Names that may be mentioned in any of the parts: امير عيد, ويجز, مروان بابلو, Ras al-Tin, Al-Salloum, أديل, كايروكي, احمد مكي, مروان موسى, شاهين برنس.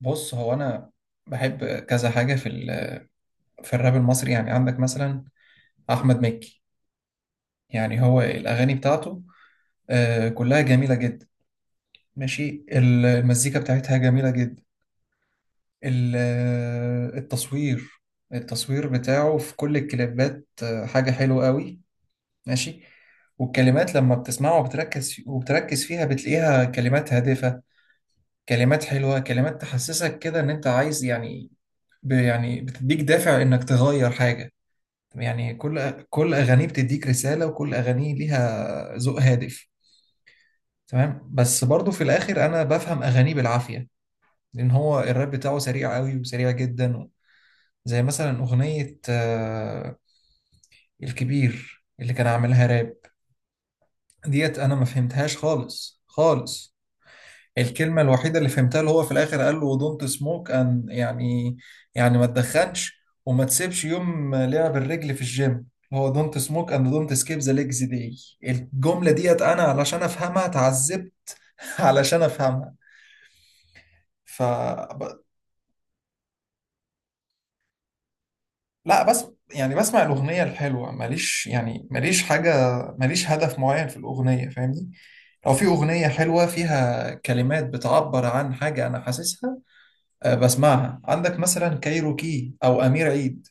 بص، هو انا بحب كذا حاجه في في الراب المصري. يعني عندك مثلا احمد مكي. يعني هو الاغاني بتاعته كلها جميله جدا، ماشي. المزيكا بتاعتها جميله جدا. التصوير، التصوير بتاعه في كل الكليبات حاجه حلوه قوي، ماشي. والكلمات لما بتسمعها وبتركز فيها بتلاقيها كلمات هادفه، كلمات حلوه، كلمات تحسسك كده ان انت عايز، يعني يعني بتديك دافع انك تغير حاجه. يعني كل اغانيه بتديك رساله، وكل اغانيه ليها ذوق هادف. تمام، بس برضو في الاخر انا بفهم اغانيه بالعافيه، لان هو الراب بتاعه سريع قوي وسريع جدا. زي مثلا اغنيه الكبير اللي كان عاملها راب. ديت انا ما فهمتهاش خالص خالص. الكلمة الوحيدة اللي فهمتها اللي هو في الآخر قال له دونت سموك أن، يعني يعني ما تدخنش وما تسيبش يوم لعب الرجل في الجيم، اللي هو دونت سموك أند دونت سكيب ذا ليجز داي. الجملة ديت أنا علشان أفهمها اتعذبت. علشان أفهمها. ف ب- لا بس يعني بسمع الأغنية الحلوة، ماليش يعني ماليش حاجة، ماليش هدف معين في الأغنية، فاهمني؟ لو في أغنية حلوة فيها كلمات بتعبر عن حاجة أنا حاسسها، بسمعها. عندك مثلا كايروكي او امير عيد.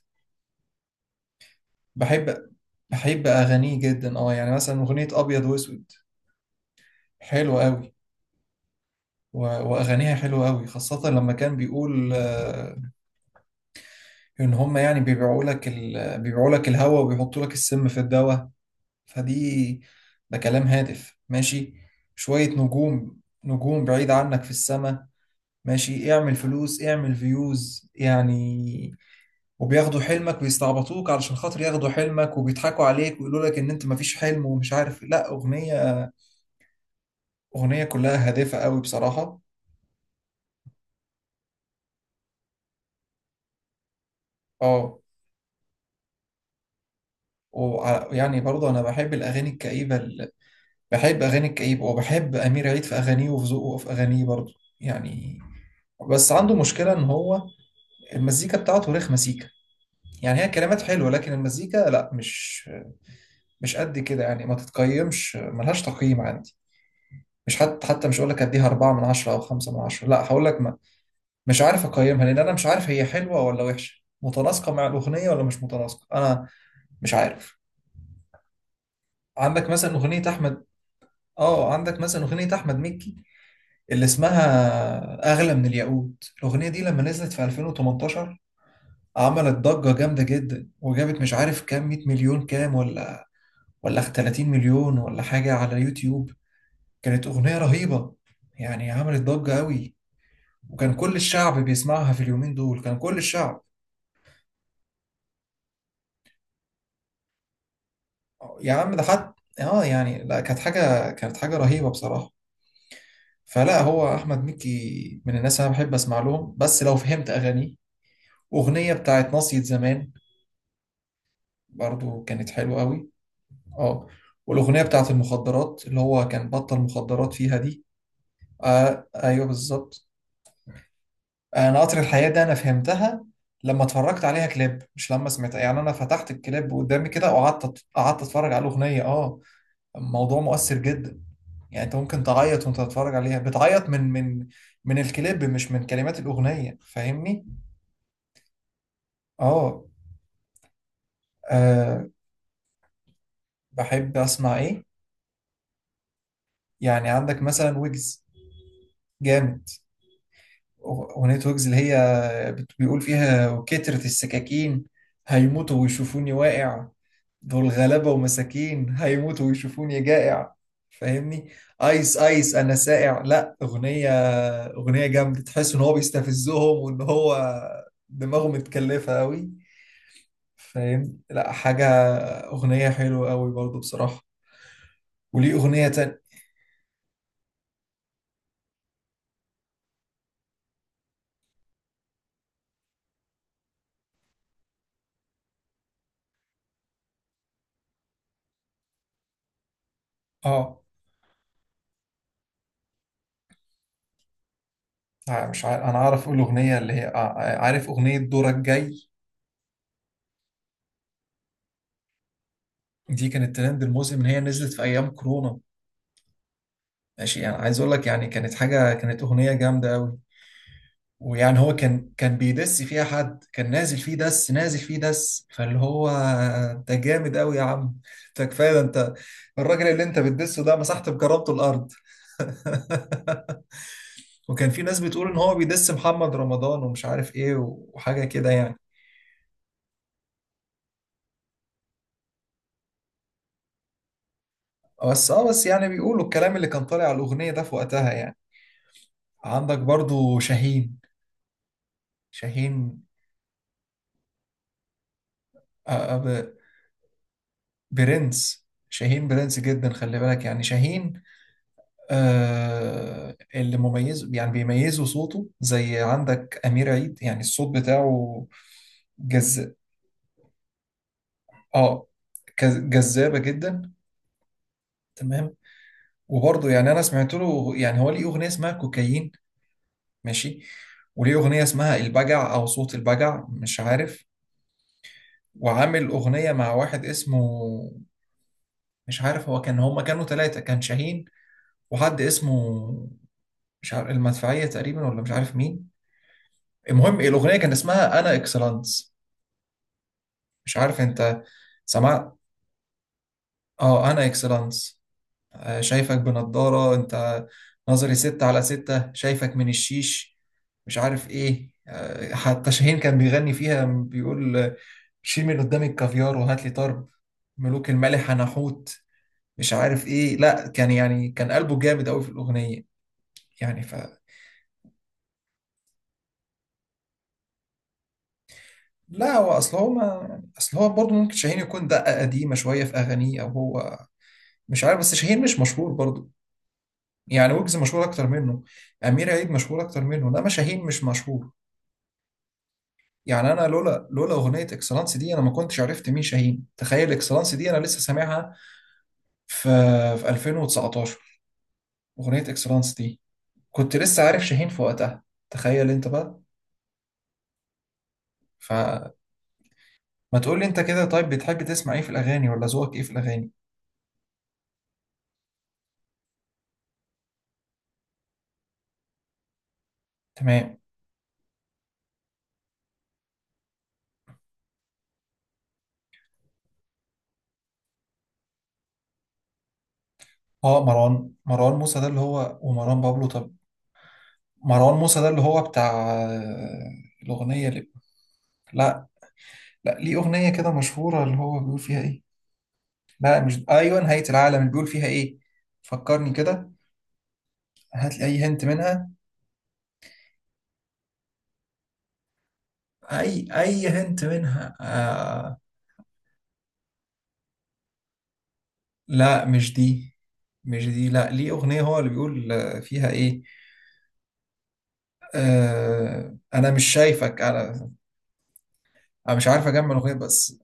بحب، بحب اغانيه جدا. اه يعني مثلا اغنيه ابيض واسود حلوه قوي. و- واغانيها حلوه قوي، خاصه لما كان بيقول ان هم يعني بيبيعوا لك بيبيعوا لك الهوا وبيحطوا لك السم في الدواء. فدي، ده كلام هادف، ماشي. شويه نجوم، نجوم بعيد عنك في السماء، ماشي. اعمل فلوس، اعمل فيوز، يعني. وبياخدوا حلمك ويستعبطوك علشان خاطر ياخدوا حلمك، وبيضحكوا عليك ويقولوا لك ان انت مفيش حلم ومش عارف إيه. لا، اغنية كلها هادفة قوي، بصراحة. اه. ويعني برضه انا بحب الاغاني الكئيبة. بحب اغاني الكئيبة، وبحب امير عيد في اغانيه وفي ذوقه في اغانيه برضه، يعني. بس عنده مشكلة ان هو المزيكا بتاعته رخمة سيكا. يعني هي كلمات حلوة، لكن المزيكا لا، مش قد كده يعني، ما تتقيمش، ملهاش تقييم عندي. مش حتى مش هقول لك اديها أربعة من عشرة أو خمسة من عشرة، لا هقول لك مش عارف اقيمها، لان انا مش عارف هي حلوه ولا وحشه، متناسقه مع الاغنيه ولا مش متناسقه، انا مش عارف. عندك مثلا اغنيه احمد، اه عندك مثلا اغنيه احمد مكي اللي اسمها اغلى من الياقوت. الاغنيه دي لما نزلت في 2018 عملت ضجه جامده جدا، وجابت مش عارف كام، 100 مليون كام، ولا ولا 30 مليون ولا حاجه على يوتيوب. كانت اغنيه رهيبه يعني، عملت ضجه قوي، وكان كل الشعب بيسمعها في اليومين دول، كان كل الشعب. يا عم ده حد. اه يعني، لا كانت حاجة، كانت حاجة رهيبة بصراحة. فلا، هو أحمد مكي من الناس أنا بحب أسمع لهم، بس لو فهمت أغانيه. أغنية بتاعت ناصية زمان برضو كانت حلوة قوي. اه. والأغنية بتاعت المخدرات اللي هو كان بطل مخدرات فيها دي، آه أيوه بالظبط. أنا قطر الحياة ده أنا فهمتها لما اتفرجت عليها كليب، مش لما سمعتها، يعني أنا فتحت الكليب قدامي كده وقعدت قعدت أتفرج على الأغنية. اه، الموضوع مؤثر جدا. يعني انت ممكن تعيط وانت تتفرج عليها، بتعيط من من الكليب مش من كلمات الأغنية، فاهمني؟ اه. آه، بحب اسمع ايه؟ يعني عندك مثلا ويجز، جامد. أغنية ويجز اللي هي بيقول فيها وكترة السكاكين هيموتوا ويشوفوني واقع، دول غلابة ومساكين هيموتوا ويشوفوني جائع، فاهمني؟ ايس ايس انا سائع. لا، اغنية، اغنية جامدة، تحس ان هو بيستفزهم وان هو دماغه متكلفة قوي، فاهم؟ لا حاجة، اغنية حلوة قوي برضو بصراحة. وليه اغنية تانية، اه مش عارف، انا عارف اقول اغنية اللي هي عارف اغنية دورك جاي. دي كانت ترند الموسم، اللي هي نزلت في ايام كورونا، ماشي، يعني عايز اقول لك يعني كانت حاجه، كانت اغنيه جامده قوي. ويعني هو كان بيدس فيها حد، كان نازل فيه دس، نازل فيه دس، فاللي هو، انت جامد قوي يا عم، انت كفايه ده، انت الراجل اللي انت بتدسه ده مسحت بجربته الارض. وكان في ناس بتقول ان هو بيدس محمد رمضان ومش عارف ايه وحاجه كده، يعني. بس اه، بس يعني بيقولوا الكلام اللي كان طالع على الاغنيه ده في وقتها، يعني. عندك برضو شاهين، شاهين. برنس، شاهين برنس جدا، خلي بالك، يعني شاهين. آه اللي مميز يعني بيميزه صوته، زي عندك أمير عيد، يعني الصوت بتاعه جز، اه جذابة جدا، تمام. وبرضه يعني أنا سمعت له، يعني هو ليه أغنية اسمها كوكايين، ماشي. وليه أغنية اسمها البجع أو صوت البجع، مش عارف. وعامل أغنية مع واحد اسمه، مش عارف، هو كان، هما كانوا ثلاثة، كان شاهين وحد اسمه، مش عارف، المدفعية تقريبا ولا مش عارف مين. المهم الأغنية كان اسمها أنا إكسلانس، مش عارف أنت سمعت. أه أنا إكسلانس، شايفك بنضارة أنت، نظري ستة على ستة، شايفك من الشيش، مش عارف إيه. حتى شاهين كان بيغني فيها، بيقول شيل من قدامي الكافيار وهات لي طرب، ملوك المالح أنا حوت، مش عارف إيه. لا كان يعني كان قلبه جامد أوي في الأغنية، يعني. لا هو اصل هو، ما اصل هو برضه ممكن شاهين يكون دقة قديمة شوية في اغانيه، او هو مش عارف. بس شاهين مش مشهور برضه، يعني ويجز مشهور اكتر منه، امير عيد مشهور اكتر منه، انما شاهين مش مشهور. يعني انا لولا اغنية اكسلانس دي انا ما كنتش عرفت مين شاهين، تخيل. اكسلانس دي انا لسه سامعها في في 2019، اغنية اكسلانس دي كنت لسه عارف شاهين في وقتها، تخيل انت بقى. فما تقول لي انت كده، طيب بتحب تسمع ايه في الاغاني، ولا ذوقك ايه في الاغاني؟ تمام. اه مروان، مروان موسى ده اللي هو ومروان بابلو، طب مروان موسى ده اللي هو بتاع الأغنية اللي، لا لا، ليه أغنية كده مشهورة اللي هو بيقول فيها إيه. لا مش، أيوة نهاية العالم، اللي بيقول فيها إيه، فكرني كده، هات لي أي هنت منها. أي أي هنت منها، آه. لا مش دي، مش دي، لا ليه أغنية هو اللي بيقول فيها إيه، أنا مش شايفك أنا، أنا مش عارف أجمع الأغنية بس.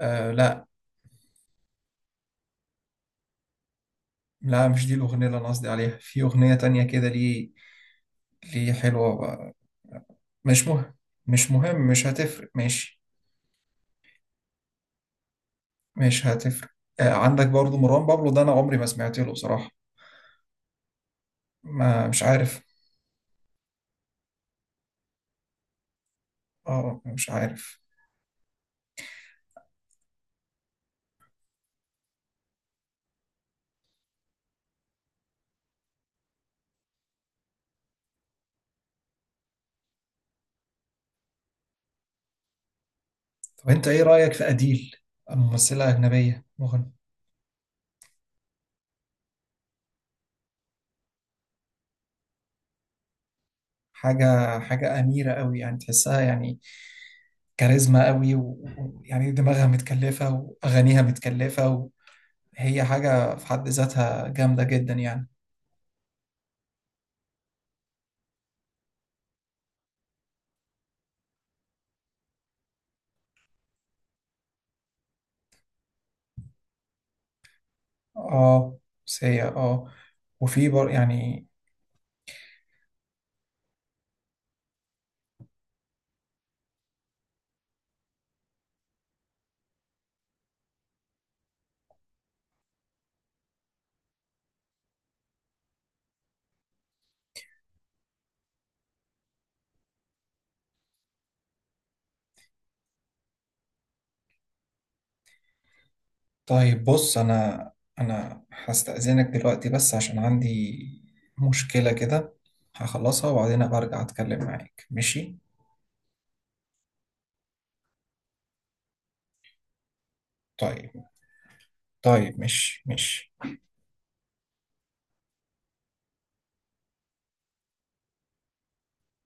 آه لا لا مش دي الأغنية اللي أنا قصدي عليها، في أغنية تانية كده، ليه، ليه حلوة بقى. مش مهم، مش مهم، مش هتفرق ماشي، مش هتفرق. آه عندك برضو مروان بابلو ده أنا عمري ما سمعت له بصراحة، ما مش عارف، اه مش عارف. طب أنت إيه رأيك في أديل، ممثلة أجنبية مغنية؟ حاجة، حاجة أميرة قوي يعني، تحسها يعني كاريزما قوي، ويعني دماغها متكلفة وأغانيها متكلفة، وهي حاجة في حد ذاتها جامدة جدا، يعني. اه، سيئة اه. وفي بر، يعني. طيب بص، انا انا هستأذنك دلوقتي، بس عشان عندي مشكلة كده، هخلصها وبعدين ابقى ارجع اتكلم معاك، ماشي؟ طيب، طيب، ماشي ماشي.